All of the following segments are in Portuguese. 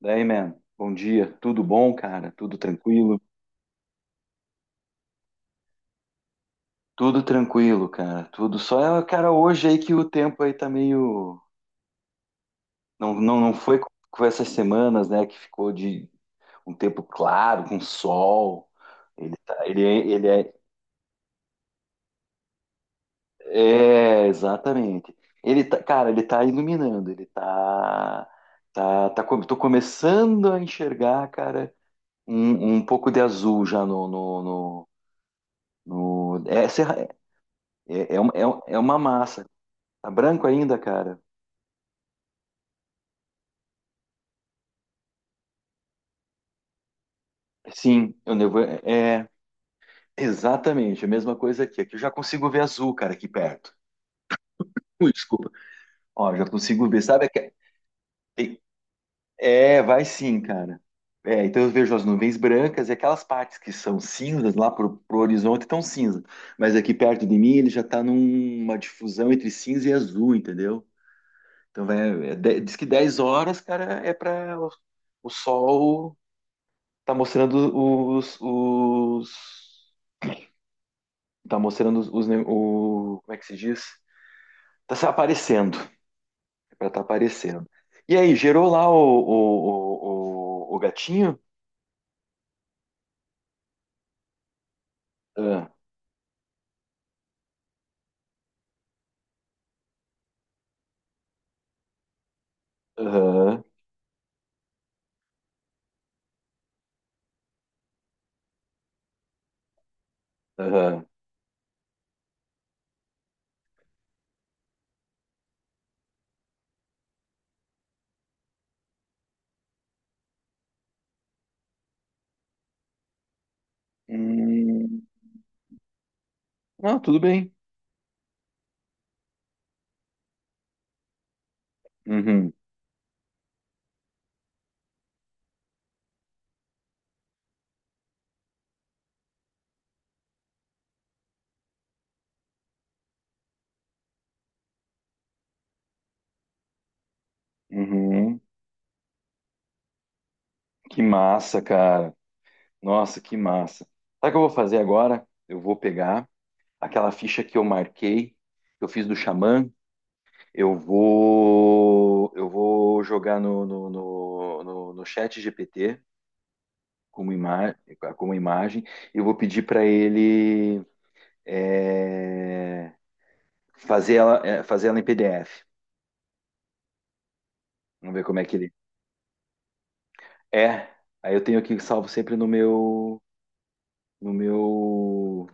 Daí, man, bom dia. Tudo bom, cara? Tudo tranquilo? Tudo tranquilo, cara. Tudo só, cara, hoje aí que o tempo aí tá meio. Não, não, não foi com essas semanas, né, que ficou de um tempo claro, com sol. Ele é. É, exatamente. Ele tá, cara, ele tá iluminando, ele tá. Tá, tá, tô começando a enxergar, cara, um pouco de azul já no- é, é uma massa. Tá branco ainda, cara? Sim, é exatamente a mesma coisa aqui. Aqui eu já consigo ver azul, cara, aqui perto. Ui, desculpa. Ó, já consigo ver, sabe? Tem- É, vai sim, cara. É, então eu vejo as nuvens brancas e aquelas partes que são cinzas lá pro horizonte estão cinzas. Mas aqui perto de mim ele já tá numa difusão entre cinza e azul, entendeu? Então vai, diz que 10 horas, cara, é para o sol. Tá mostrando como é que se diz? Tá se aparecendo, é pra tá aparecendo. E aí, gerou lá o gatinho? Ah, aham, aham. Hum, não, tudo bem. Uhum, uhum. Que massa, cara. Nossa, que massa. Sabe o que eu vou fazer agora? Eu vou pegar aquela ficha que eu marquei, que eu fiz do xamã. Eu vou jogar no chat GPT como, ima como imagem e vou pedir para ele é, fazer ela, fazer ela em PDF. Vamos ver como é que ele é. Aí eu tenho aqui salvo sempre no meu,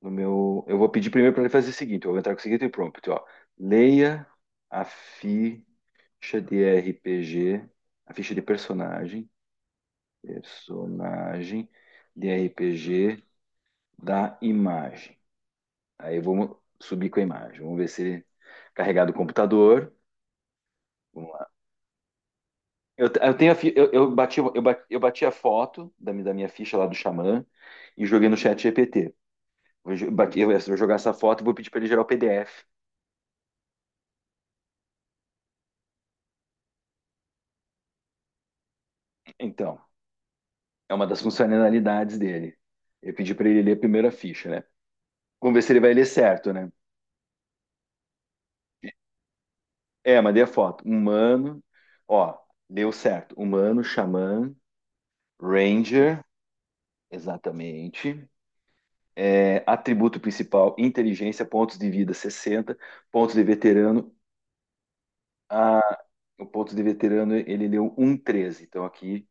no meu. Eu vou pedir primeiro para ele fazer o seguinte. Eu vou entrar com o seguinte prompt, ó. Leia a ficha de RPG, a ficha de personagem Personagem de RPG da imagem. Aí eu vou subir com a imagem. Vamos ver se ele carregar do computador. Vamos lá. Eu tenho a fi- eu bati, eu, ba- Eu bati a foto da minha ficha lá do Xamã e joguei no chat GPT. Eu vou jogar essa foto e vou pedir para ele gerar o PDF. Então, é uma das funcionalidades dele. Eu pedi para ele ler a primeira ficha, né? Vamos ver se ele vai ler certo, né? É, mandei a foto. Humano, ó, deu certo. Humano, xamã, Ranger, exatamente. É, atributo principal, inteligência, pontos de vida 60, pontos de veterano. Ah, o ponto de veterano ele deu um vírgula treze. Então aqui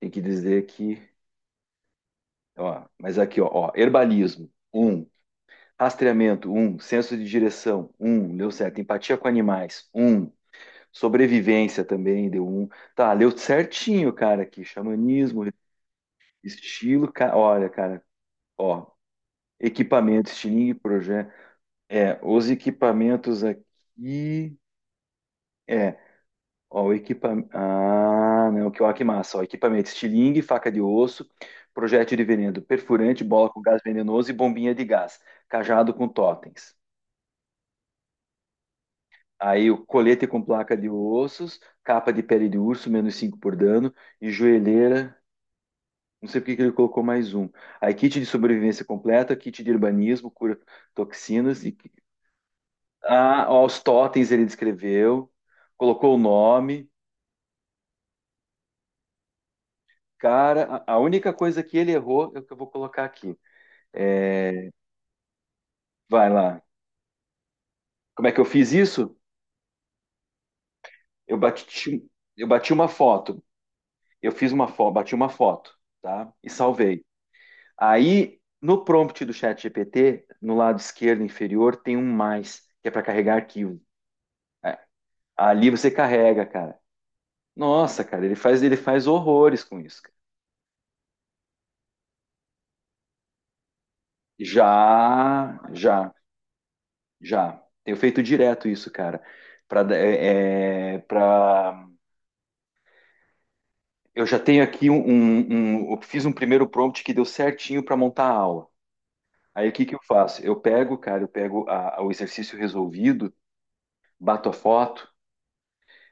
tem que dizer que. Ó, mas aqui, ó, ó, herbalismo, um, rastreamento, um, senso de direção, um, deu certo. Empatia com animais, um, sobrevivência também deu um. Tá, deu certinho, cara, aqui. Xamanismo, estilo. Olha, cara, ó. Equipamento, estilingue, projeto. É, os equipamentos aqui. É, ó, o equipamento. Ah, não, que, ó, que massa. Ó, equipamento: estilingue, faca de osso, projétil de veneno, perfurante, bola com gás venenoso e bombinha de gás, cajado com totens. Aí o colete com placa de ossos, capa de pele de urso, menos 5 por dano, e joelheira. Não sei por que que ele colocou mais um. Aí kit de sobrevivência completa, kit de urbanismo, cura toxinas. E... Ah, ó, os totens ele descreveu, colocou o nome. Cara, a única coisa que ele errou é o que eu vou colocar aqui. É, vai lá. Como é que eu fiz isso? Eu bati, eu bati uma foto. Eu fiz uma foto, bati uma foto, tá? E salvei. Aí, no prompt do chat GPT, no lado esquerdo inferior, tem um mais, que é para carregar arquivo. É, ali você carrega, cara. Nossa, cara, ele faz horrores com isso, cara. Já, já, já. Tenho feito direto isso, cara. Para Eu já tenho aqui eu fiz um primeiro prompt que deu certinho para montar a aula. Aí o que que eu faço? Eu pego, cara, eu pego o exercício resolvido, bato a foto,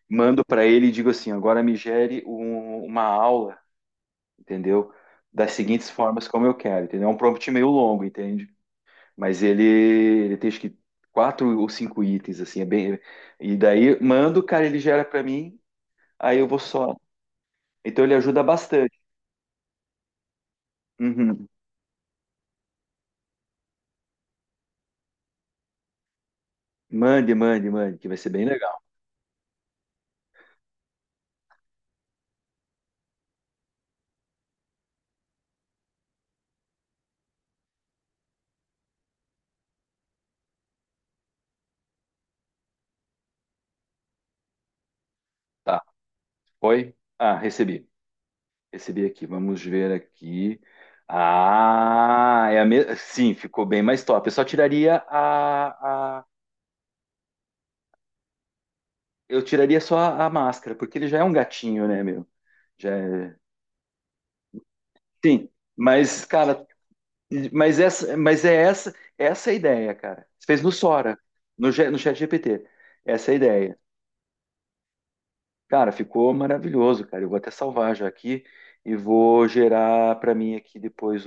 mando para ele e digo assim: agora me gere uma aula, entendeu? Das seguintes formas como eu quero, entendeu? É um prompt meio longo, entende? Mas ele tem acho que quatro ou cinco itens, assim, é bem. E daí mando, cara, ele gera para mim, aí eu vou só. Então ele ajuda bastante. Uhum. Mande, mande, mande, que vai ser bem legal. Tá. Foi? Ah, recebi. Recebi aqui. Vamos ver aqui. Ah, sim, ficou bem mais top. Eu só tiraria a... Eu tiraria só a máscara, porque ele já é um gatinho, né, meu? Já é... Sim, mas, cara, essa é a ideia, cara. Você fez no Sora, no chat GPT. Essa é a ideia. Cara, ficou maravilhoso, cara. Eu vou até salvar já aqui e vou gerar para mim aqui depois.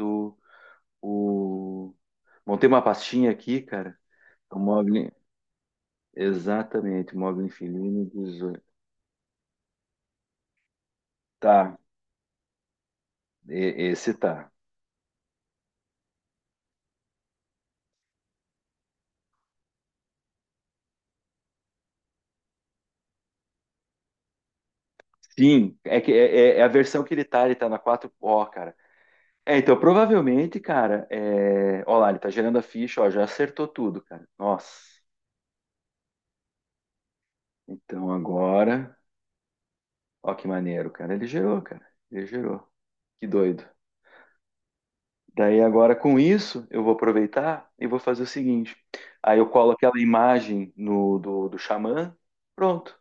O... Montei uma pastinha aqui, cara. O Mogli. Exatamente, Mogli Infinito 18. Tá, esse tá. Sim, é a versão que ele tá na quatro. Ó, cara. É, então provavelmente, cara, é... ó lá, ele tá gerando a ficha, ó, já acertou tudo, cara. Nossa. Então agora, ó que maneiro, cara, ele gerou, cara. Ele gerou. Que doido. Daí agora com isso eu vou aproveitar e vou fazer o seguinte. Aí eu colo aquela imagem no do Xamã, pronto.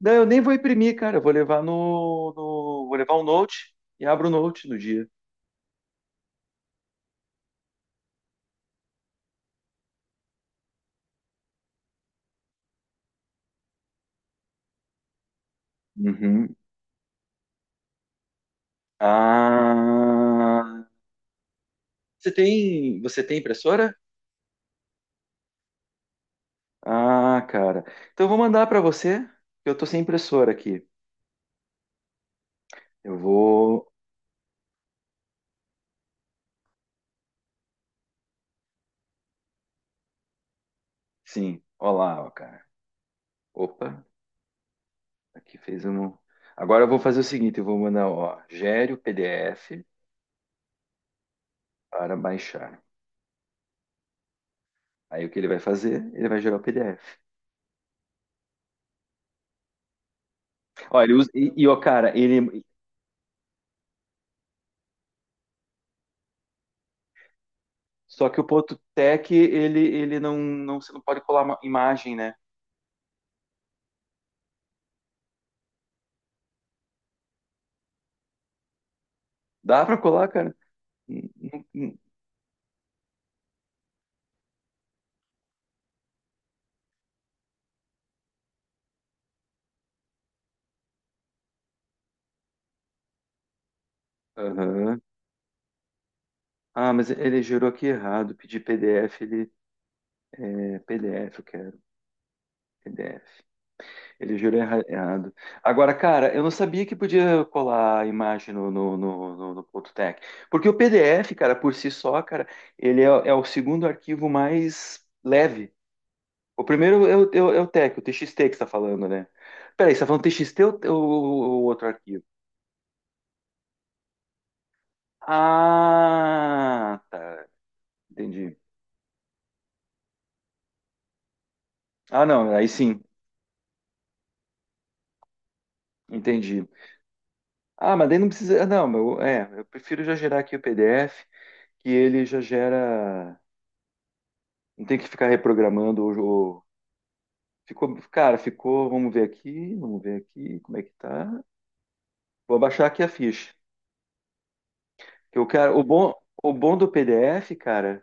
Daí eu nem vou imprimir, cara. Eu vou levar no, no- vou levar o Note e abro o Note no dia. Uhum. Ah, você tem impressora? Ah, cara. Então eu vou mandar para você, que eu tô sem impressora aqui. Eu vou, sim. Olá, ó, cara. Opa. Aqui fez um. Agora eu vou fazer o seguinte, eu vou mandar, ó, gere o PDF para baixar. Aí o que ele vai fazer? Ele vai gerar o PDF. Ó, ele usa, e, ó, cara, ele só que o ponto .tec ele não você não pode colar uma imagem, né? Dá para colar, cara? Hum, hum, hum. Aham. Ah, mas ele gerou aqui errado. Pedi PDF, ele é PDF, eu quero PDF. Ele jurou errado. Agora, cara, eu não sabia que podia colar a imagem no ponto .tec. Porque o PDF, cara, por si só, cara, ele é o segundo arquivo mais leve. O primeiro é é o .tec, o TXT que você tá falando, né? Peraí, você tá falando TXT ou o outro arquivo? Ah, tá. Entendi. Ah, não, aí sim, entendi. Ah, mas daí não precisa. Ah, não, meu, é, eu prefiro já gerar aqui o PDF, que ele já gera. Não tem que ficar reprogramando o jogo. Ficou, cara, ficou, vamos ver aqui, como é que tá. Vou abaixar aqui a ficha. Que o cara, o bom do PDF, cara,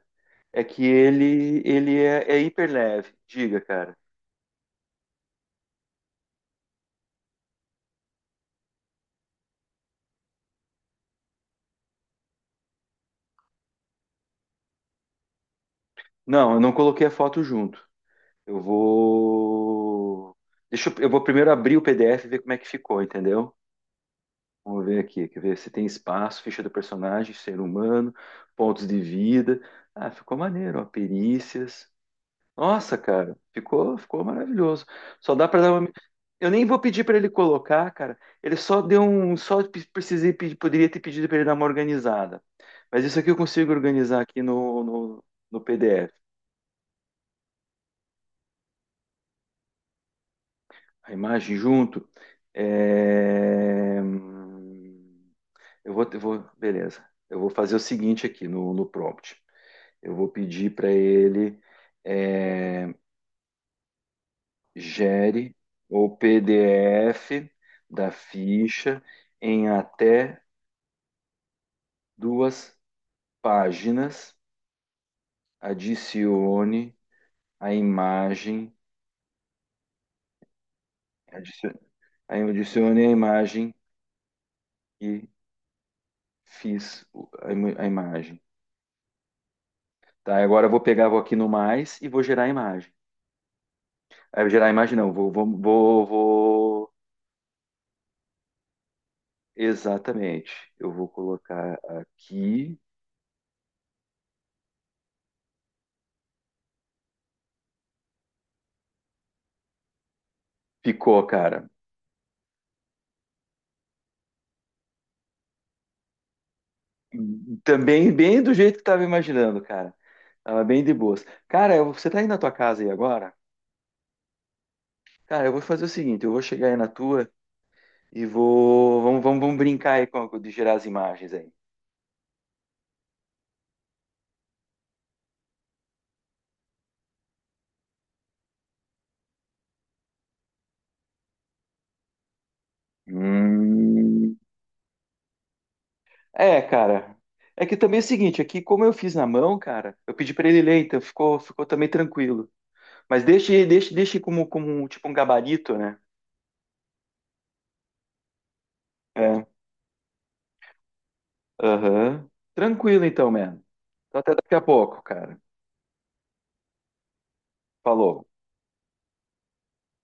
é que ele é hiper leve. Diga, cara. Não, eu não coloquei a foto junto. Eu vou Deixa eu vou primeiro abrir o PDF e ver como é que ficou, entendeu? Vamos ver aqui, quer ver se tem espaço, ficha do personagem, ser humano, pontos de vida. Ah, ficou maneiro, ó, perícias. Nossa, cara, ficou maravilhoso. Só dá para dar uma. Eu nem vou pedir para ele colocar, cara. Ele só deu um, só precisei pedir, poderia ter pedido para ele dar uma organizada. Mas isso aqui eu consigo organizar aqui no PDF. A imagem junto. É, hum. Eu vou, beleza. Eu vou fazer o seguinte aqui no prompt. Eu vou pedir para ele. É, gere o PDF da ficha em até duas páginas, adicione a imagem, adici- adicione a imagem que fiz o- a im- a imagem. Tá, agora eu vou pegar, vou aqui no mais e vou gerar a imagem. Ah, gerar a imagem não, exatamente. Eu vou colocar aqui. Ficou, cara. Também bem do jeito que tava imaginando, cara. Tava bem de boas. Cara, você tá aí na tua casa aí agora? Cara, eu vou fazer o seguinte, eu vou chegar aí na tua e vou... vamos brincar aí com, de gerar as imagens aí. Hum. É, cara. É que também é o seguinte, aqui como eu fiz na mão, cara, eu pedi pra ele ler, então ficou também tranquilo. Mas deixe como, tipo um gabarito, né? É. Aham. Tranquilo então, mano. Então até daqui a pouco, cara. Falou.